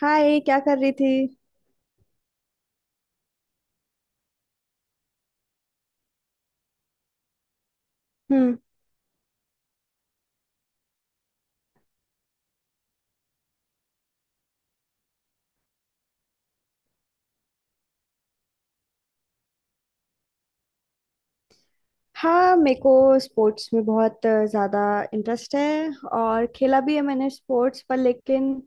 हाय। क्या कर रही थी? हम्म। हाँ, मेरे को स्पोर्ट्स में बहुत ज़्यादा इंटरेस्ट है। और खेला भी है मैंने स्पोर्ट्स पर, लेकिन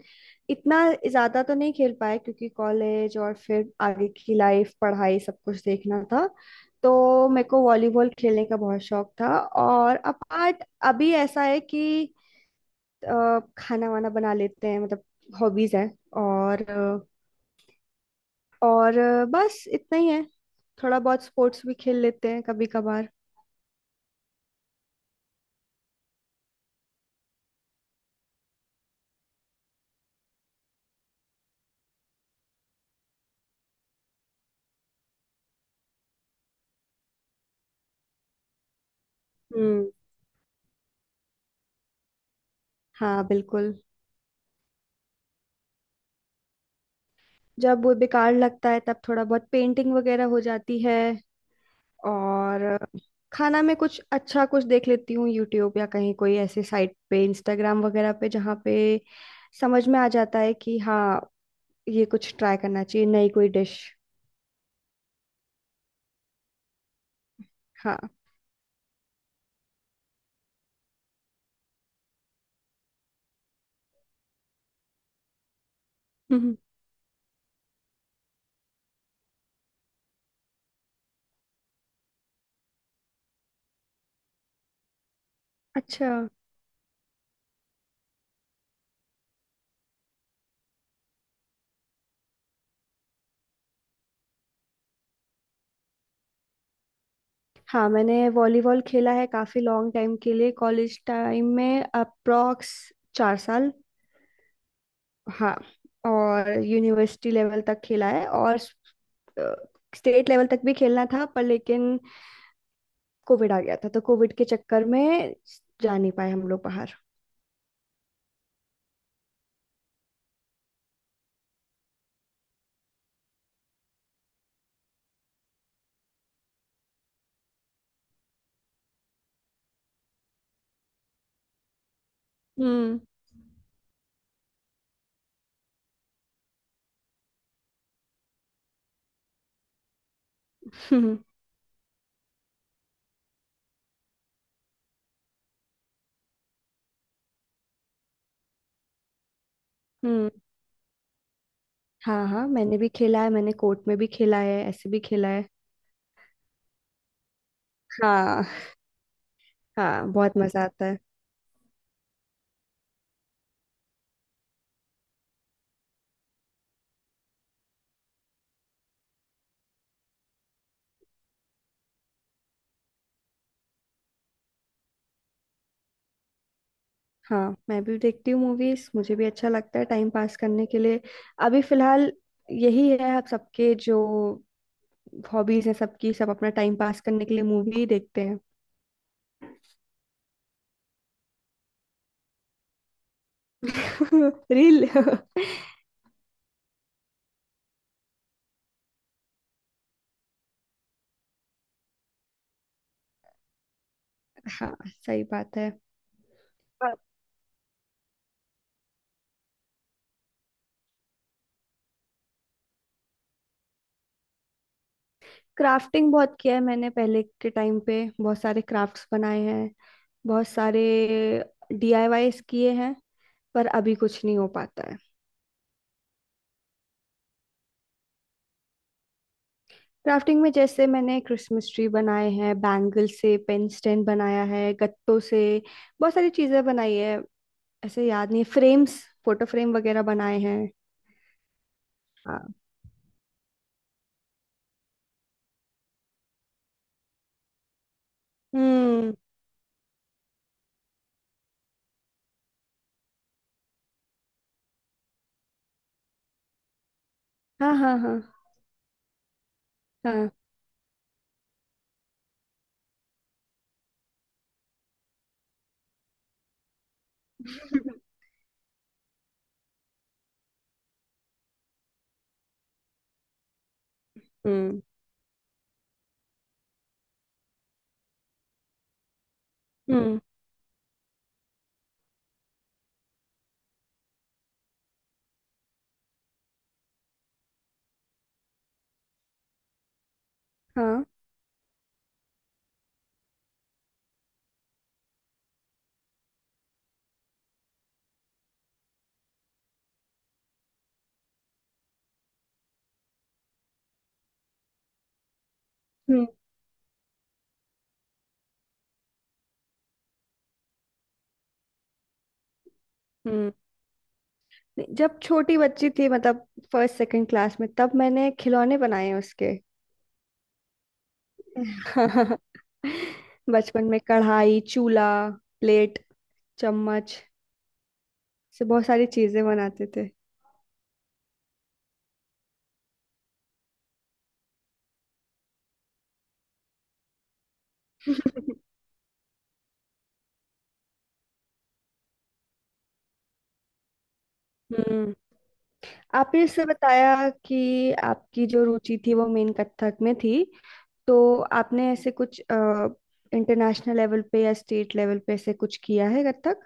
इतना ज़्यादा तो नहीं खेल पाया, क्योंकि कॉलेज और फिर आगे की लाइफ, पढ़ाई, सब कुछ देखना था। तो मेरे को वॉलीबॉल खेलने का बहुत शौक था। और अपार्ट अभी ऐसा है कि खाना वाना बना लेते हैं, मतलब हॉबीज़ है। और अ, और बस इतना ही है। थोड़ा बहुत स्पोर्ट्स भी खेल लेते हैं कभी कभार। हम्म। हाँ, बिल्कुल। जब वो बेकार लगता है तब थोड़ा बहुत पेंटिंग वगैरह हो जाती है। और खाना में कुछ अच्छा, कुछ देख लेती हूँ यूट्यूब या कहीं कोई ऐसे साइट पे, इंस्टाग्राम वगैरह पे, जहाँ पे समझ में आ जाता है कि हाँ, ये कुछ ट्राई करना चाहिए, नई कोई डिश। हाँ। हम्म, अच्छा। हाँ, मैंने वॉलीबॉल खेला है काफी लॉन्ग टाइम के लिए, कॉलेज टाइम में, अप्रॉक्स 4 साल। हाँ। और यूनिवर्सिटी लेवल तक खेला है। और स्टेट लेवल तक भी खेलना था, पर लेकिन कोविड आ गया था, तो कोविड के चक्कर में जा नहीं पाए हम लोग बाहर। हम्म। हम्म। हम्म। हाँ, हाँ, मैंने भी खेला है, मैंने कोर्ट में भी खेला है, ऐसे भी खेला है। हाँ। हाँ, बहुत मजा आता है। हाँ, मैं भी देखती हूँ मूवीज। मुझे भी अच्छा लगता है टाइम पास करने के लिए। अभी फिलहाल यही है, अब सबके जो हॉबीज हैं, सबकी सब अपना टाइम पास करने के लिए मूवी देखते हैं। रील। हाँ, सही बात है। क्राफ्टिंग बहुत किया है मैंने, पहले के टाइम पे बहुत सारे क्राफ्ट्स बनाए हैं, बहुत सारे डीआईवाईस किए हैं। पर अभी कुछ नहीं हो पाता है। क्राफ्टिंग में, जैसे मैंने क्रिसमस ट्री बनाए हैं, बैंगल से पेन स्टैंड बनाया है, गत्तों से बहुत सारी चीजें बनाई है, ऐसे याद नहीं, फ्रेम्स, फोटो फ्रेम वगैरह बनाए हैं। हाँ। हम्म। हाँ, हाँ, हाँ। हाँ। हम्म। हम्म। हाँ। हम्म। हम्म। नहीं, जब छोटी बच्ची थी, मतलब फर्स्ट सेकंड क्लास में, तब मैंने खिलौने बनाए हैं उसके। बचपन में कढ़ाई, चूल्हा, प्लेट, चम्मच से बहुत सारी चीजें बनाते थे। हम्म। आपने इससे बताया कि आपकी जो रुचि थी वो मेन कथक में थी। तो आपने ऐसे कुछ इंटरनेशनल लेवल पे या स्टेट लेवल पे ऐसे कुछ किया है कथक?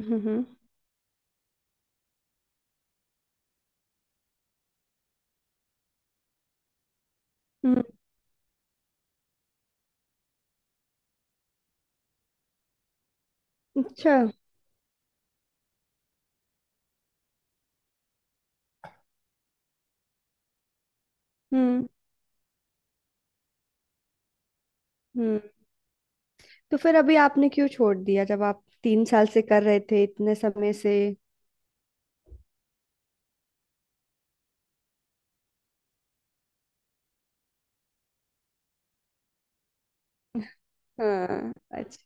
हम्म। हम्म। अच्छा। हम्म। हम्म। तो फिर अभी आपने क्यों छोड़ दिया, जब आप 3 साल से कर रहे थे, इतने समय से? हाँ। अच्छा।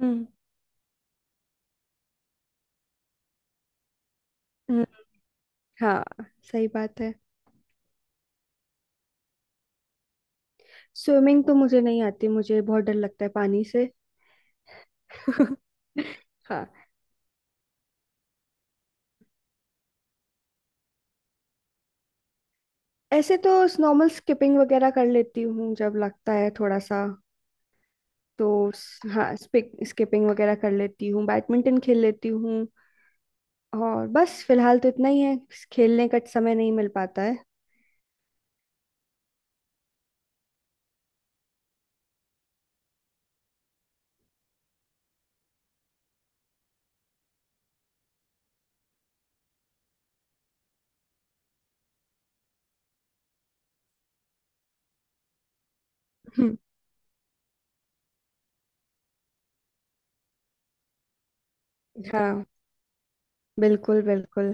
हम्म। हम्म, हाँ, सही बात है। स्विमिंग तो मुझे नहीं आती, मुझे बहुत डर लगता है पानी से। हाँ। ऐसे तो नॉर्मल स्किपिंग वगैरह कर लेती हूँ, जब लगता है थोड़ा सा। तो हाँ, स्किपिंग वगैरह कर लेती हूँ, बैडमिंटन खेल लेती हूँ। और बस फिलहाल तो इतना ही है, खेलने का समय नहीं मिल पाता है। हम्म। हाँ, बिल्कुल, बिल्कुल।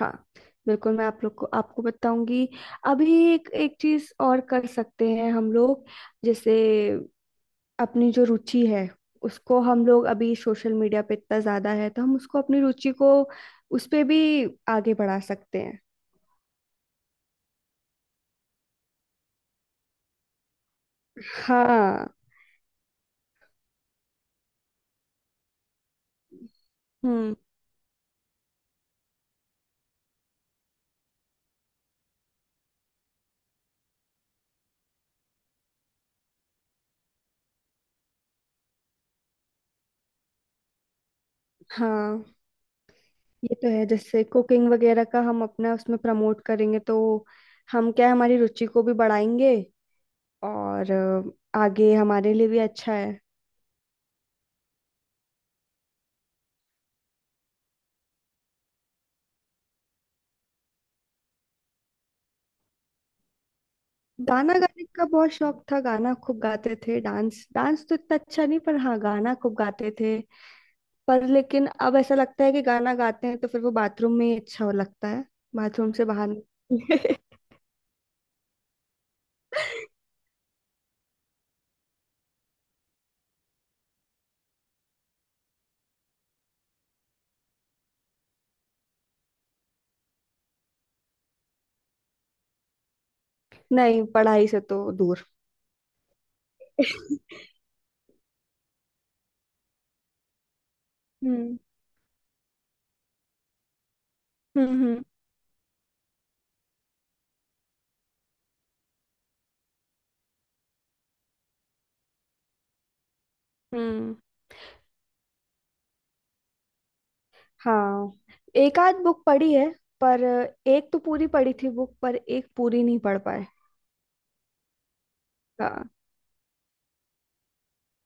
हाँ, बिल्कुल, मैं आप लोग को आपको बताऊंगी। अभी एक एक चीज और कर सकते हैं हम लोग, जैसे अपनी जो रुचि है, उसको हम लोग अभी सोशल मीडिया पे इतना ज्यादा है तो हम उसको, अपनी रुचि को, उस पे भी आगे बढ़ा सकते हैं। हाँ। हम्म। हाँ। ये तो है, जैसे कुकिंग वगैरह का हम अपना उसमें प्रमोट करेंगे तो हम क्या है, हमारी रुचि को भी बढ़ाएंगे और आगे हमारे लिए भी अच्छा है। गाना गाने का बहुत शौक था, गाना खूब गाते थे। डांस डांस तो इतना अच्छा नहीं, पर हाँ, गाना खूब गाते थे। पर लेकिन अब ऐसा लगता है कि गाना गाते हैं तो फिर वो बाथरूम में ही अच्छा लगता है। बाथरूम से बाहर नहीं। नहीं, पढ़ाई से तो दूर। हम्म। हम्म। हम्म। हम्म। हाँ, एक आध बुक पढ़ी है, पर एक तो पूरी पढ़ी थी बुक, पर एक पूरी नहीं पढ़ पाए। हाँ।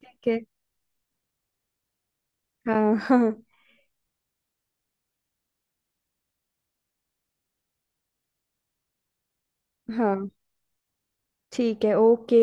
ठीक है। हाँ, हाँ, हाँ। ठीक है, ओके।